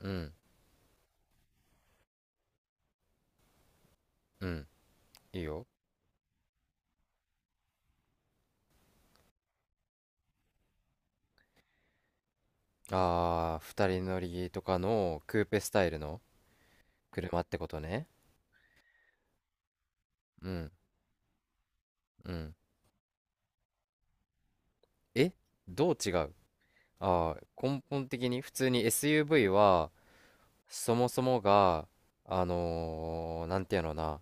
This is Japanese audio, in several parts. うん、うん、いいよ。ああ、二人乗りとかのクーペスタイルの車ってことね。うん、うん。え、どう違う？ああー、根本的に普通に SUV は、そもそもが、なんていうのな、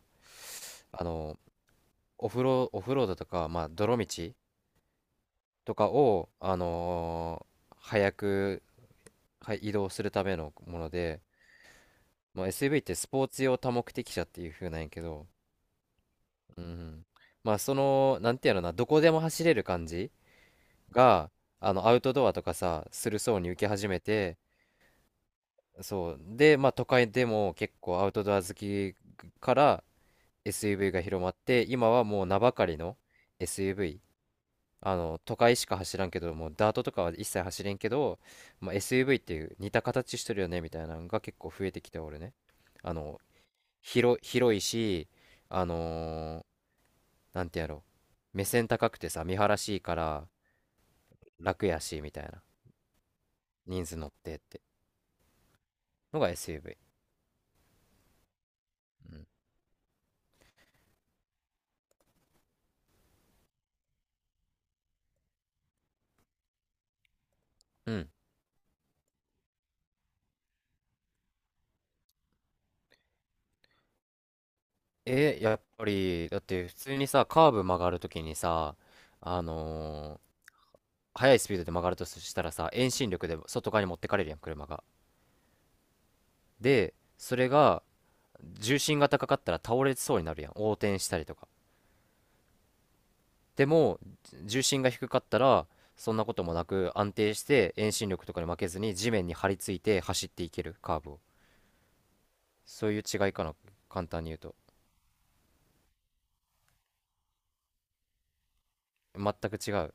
あのーオフロードとか、まあ、泥道とかを、早く、はい移動するためのもので、まあ、SUV ってスポーツ用多目的車っていう風なんやけど、うん。まあその、なんていうのかな、どこでも走れる感じが、アウトドアとかさ、する層に受け始めて、そう。で、まあ都会でも結構アウトドア好きから SUV が広まって、今はもう名ばかりの SUV。都会しか走らんけど、もうダートとかは一切走れんけど、まあ、SUV っていう似た形してるよね、みたいなのが結構増えてきておるね。あの、広いし、あのーなんてやろう、目線高くてさ、見晴らしいから楽やし、みたいな。人数乗ってってのが SUV。うん。うん。やっぱり、だって普通にさ、カーブ曲がるときにさ、あのー速いスピードで曲がるとしたらさ、遠心力で外側に持ってかれるやん、車が。で、それが、重心が高かったら倒れそうになるやん、横転したりとか。でも、重心が低かったら、そんなこともなく安定して遠心力とかに負けずに地面に張り付いて走っていける、カーブを。そういう違いかな、簡単に言うと。全く違う。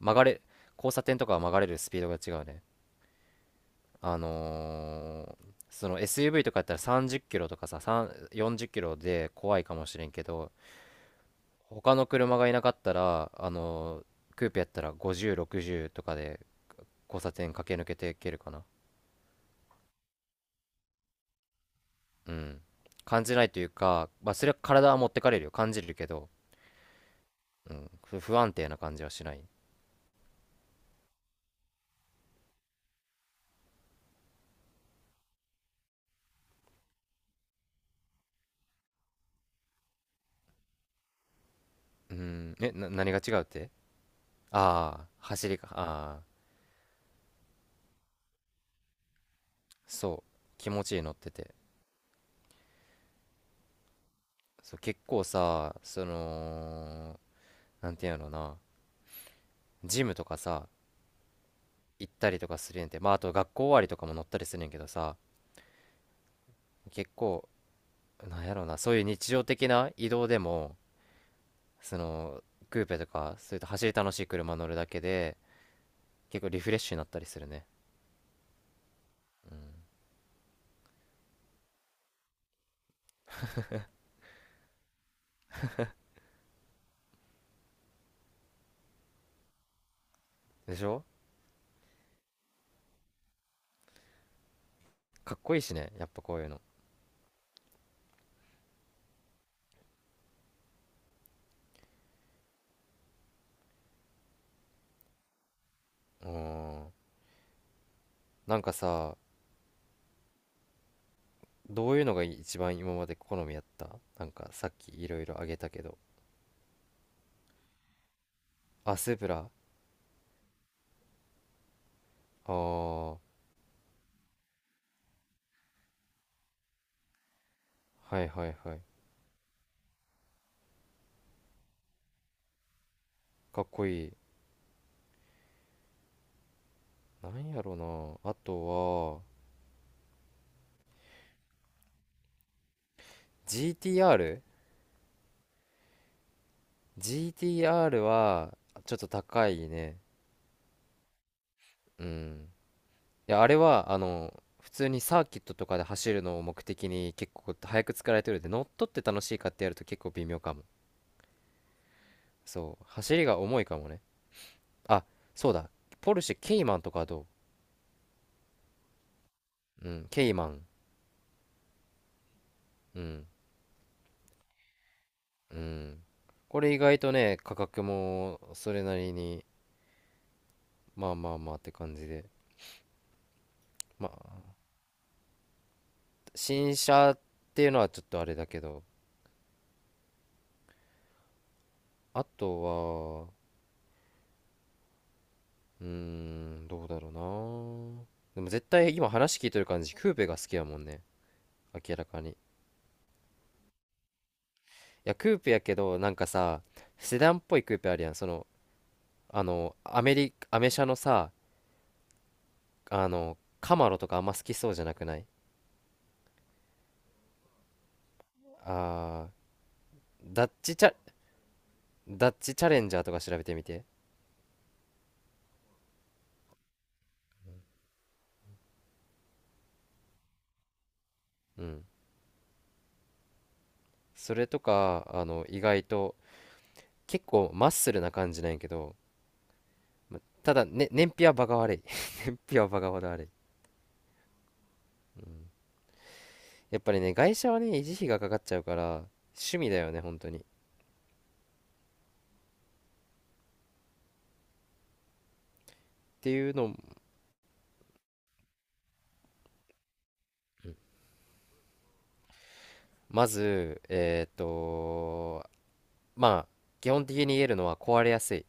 曲がれ交差点とかは曲がれるスピードが違うね。あのーその SUV とかやったら30キロとかさ、3 40キロで怖いかもしれんけど、他の車がいなかったらクーペやったら5060とかで交差点駆け抜けていけるかな。うん。感じないというか、まあ、それは体は持ってかれるよ感じるけど、うん、不安定な感じはしない。うん。何が違うって。ああ、走りか。ああ。そう。気持ちいい乗ってて。そう。結構さ、なんていうのな、ジムとかさ行ったりとかするんやて、まああと学校終わりとかも乗ったりするんやけどさ、結構なんやろな、そういう日常的な移動でも、そのクーペとかそういった走り楽しい車乗るだけで、結構リフレッシュになったりするね。でしょ？かっこいいしね、やっぱこういうの。うーんなんかさ、どういうのが一番今まで好みやった？なんかさっきいろいろあげたけど。あ、スープラ。ああ、はいはいはい。かっこいい。なんやろな。あとは、GTR?GTR は、ちょっと高いね。うん。いや、あれは、普通にサーキットとかで走るのを目的に結構早く作られてるんで、乗っ取って楽しいかってやると結構微妙かも。そう。走りが重いかもね。あ、そうだ。ポルシェケイマンとかはどう？うん、ケイマン。うん、うん。これ意外とね、価格もそれなりに。まあまあまあって感じで。まあ、新車っていうのはちょっとあれだけど、あとは、うーん、どうだろうな。でも絶対今話聞いとる感じ、クーペが好きやもんね。明らかに。いや、クーペやけど、なんかさ、セダンっぽいクーペあるやん。アメ車のさ、カマロとかあんま好きそうじゃなくない？あー、ダッチチャ、ダッチチャレンジャーとか調べてみて。うん。それとか、意外と、結構マッスルな感じなんやけど、まただ、ね、燃費はバカ悪い。燃費はバカほど悪い。うん。やっぱりね、外車はね、維持費がかかっちゃうから、趣味だよね、本当に。っていうのを、まず、まあ、基本的に言えるのは壊れやすい。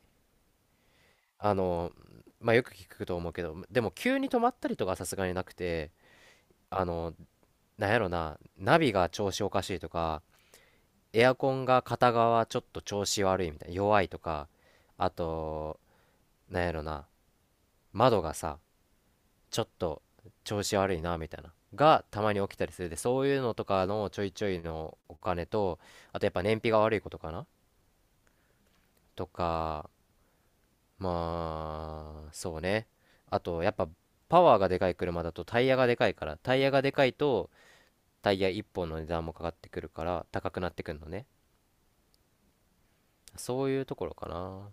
あの、まあ、よく聞くと思うけど、でも急に止まったりとかはさすがになくて、あの、なんやろな、ナビが調子おかしいとか、エアコンが片側ちょっと調子悪いみたいな、弱いとか、あと、なんやろな、窓がさちょっと調子悪いなみたいながたまに起きたりするで、そういうのとかのちょいちょいのお金と、あとやっぱ燃費が悪いことかなとか。まあそうね。あとやっぱパワーがでかい車だと、タイヤがでかいとタイヤ1本の値段もかかってくるから高くなってくるのね。そういうところかな。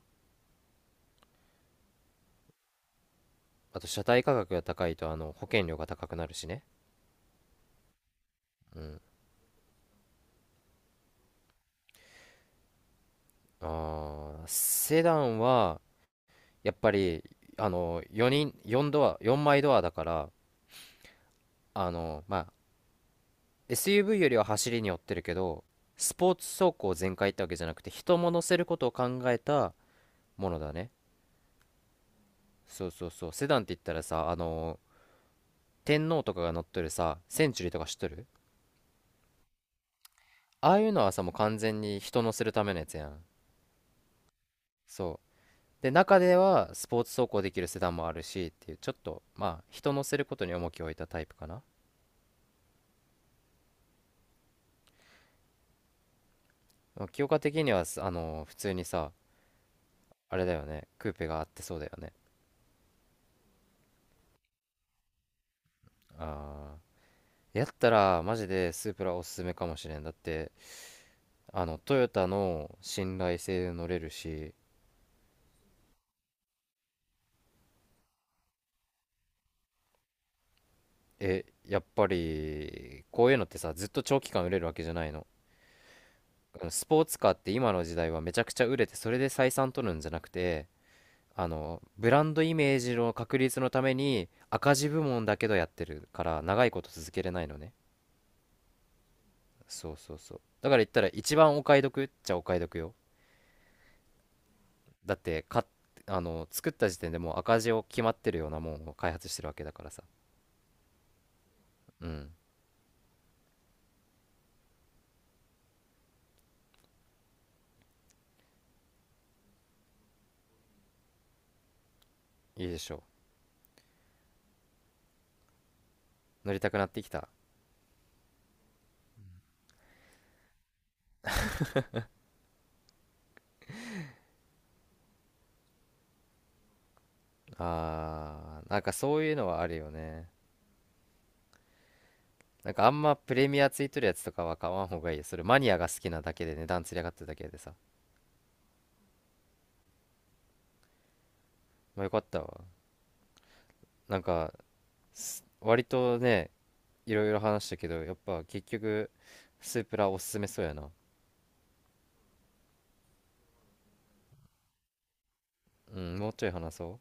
あと車体価格が高いと、保険料が高くなるしね。うん。セダンはやっぱり、4人、4ドア、4枚ドアだから、あのまあ SUV よりは走りに寄ってるけど、スポーツ走行全開ってわけじゃなくて、人も乗せることを考えたものだね。そうそうそう、セダンって言ったらさ、天皇とかが乗っとるさ、センチュリーとか知っとる？ああいうのはさ、もう完全に人乗せるためのやつやん。そう。で、中ではスポーツ走行できるセダンもあるしっていう、ちょっとまあ人乗せることに重きを置いたタイプかな。まあ清香的には、すあの普通にさ、あれだよね。クーペがあってそうだよね。あやったら、マジでスープラおすすめかもしれん。だって、トヨタの信頼性乗れるし、やっぱり、こういうのってさ、ずっと長期間売れるわけじゃないの。スポーツカーって今の時代はめちゃくちゃ売れて、それで採算取るんじゃなくて、ブランドイメージの確立のために、赤字部門だけどやってるから、長いこと続けれないのね。そうそうそう。だから言ったら、一番お買い得っちゃお買い得よ。だってかあの作った時点でもう赤字を決まってるようなもんを開発してるわけだからさ。うん。いいでしょう？乗りたくなってきた。なんかそういうのはあるよね。なんかあんまプレミアついてるやつとかは買わん方がいい。それマニアが好きなだけで値段つり上がってるだけでさ。まあよかったわ。なんか、割とね、いろいろ話したけどやっぱ結局スープラおすすめそうやな。うん、もうちょい話そう。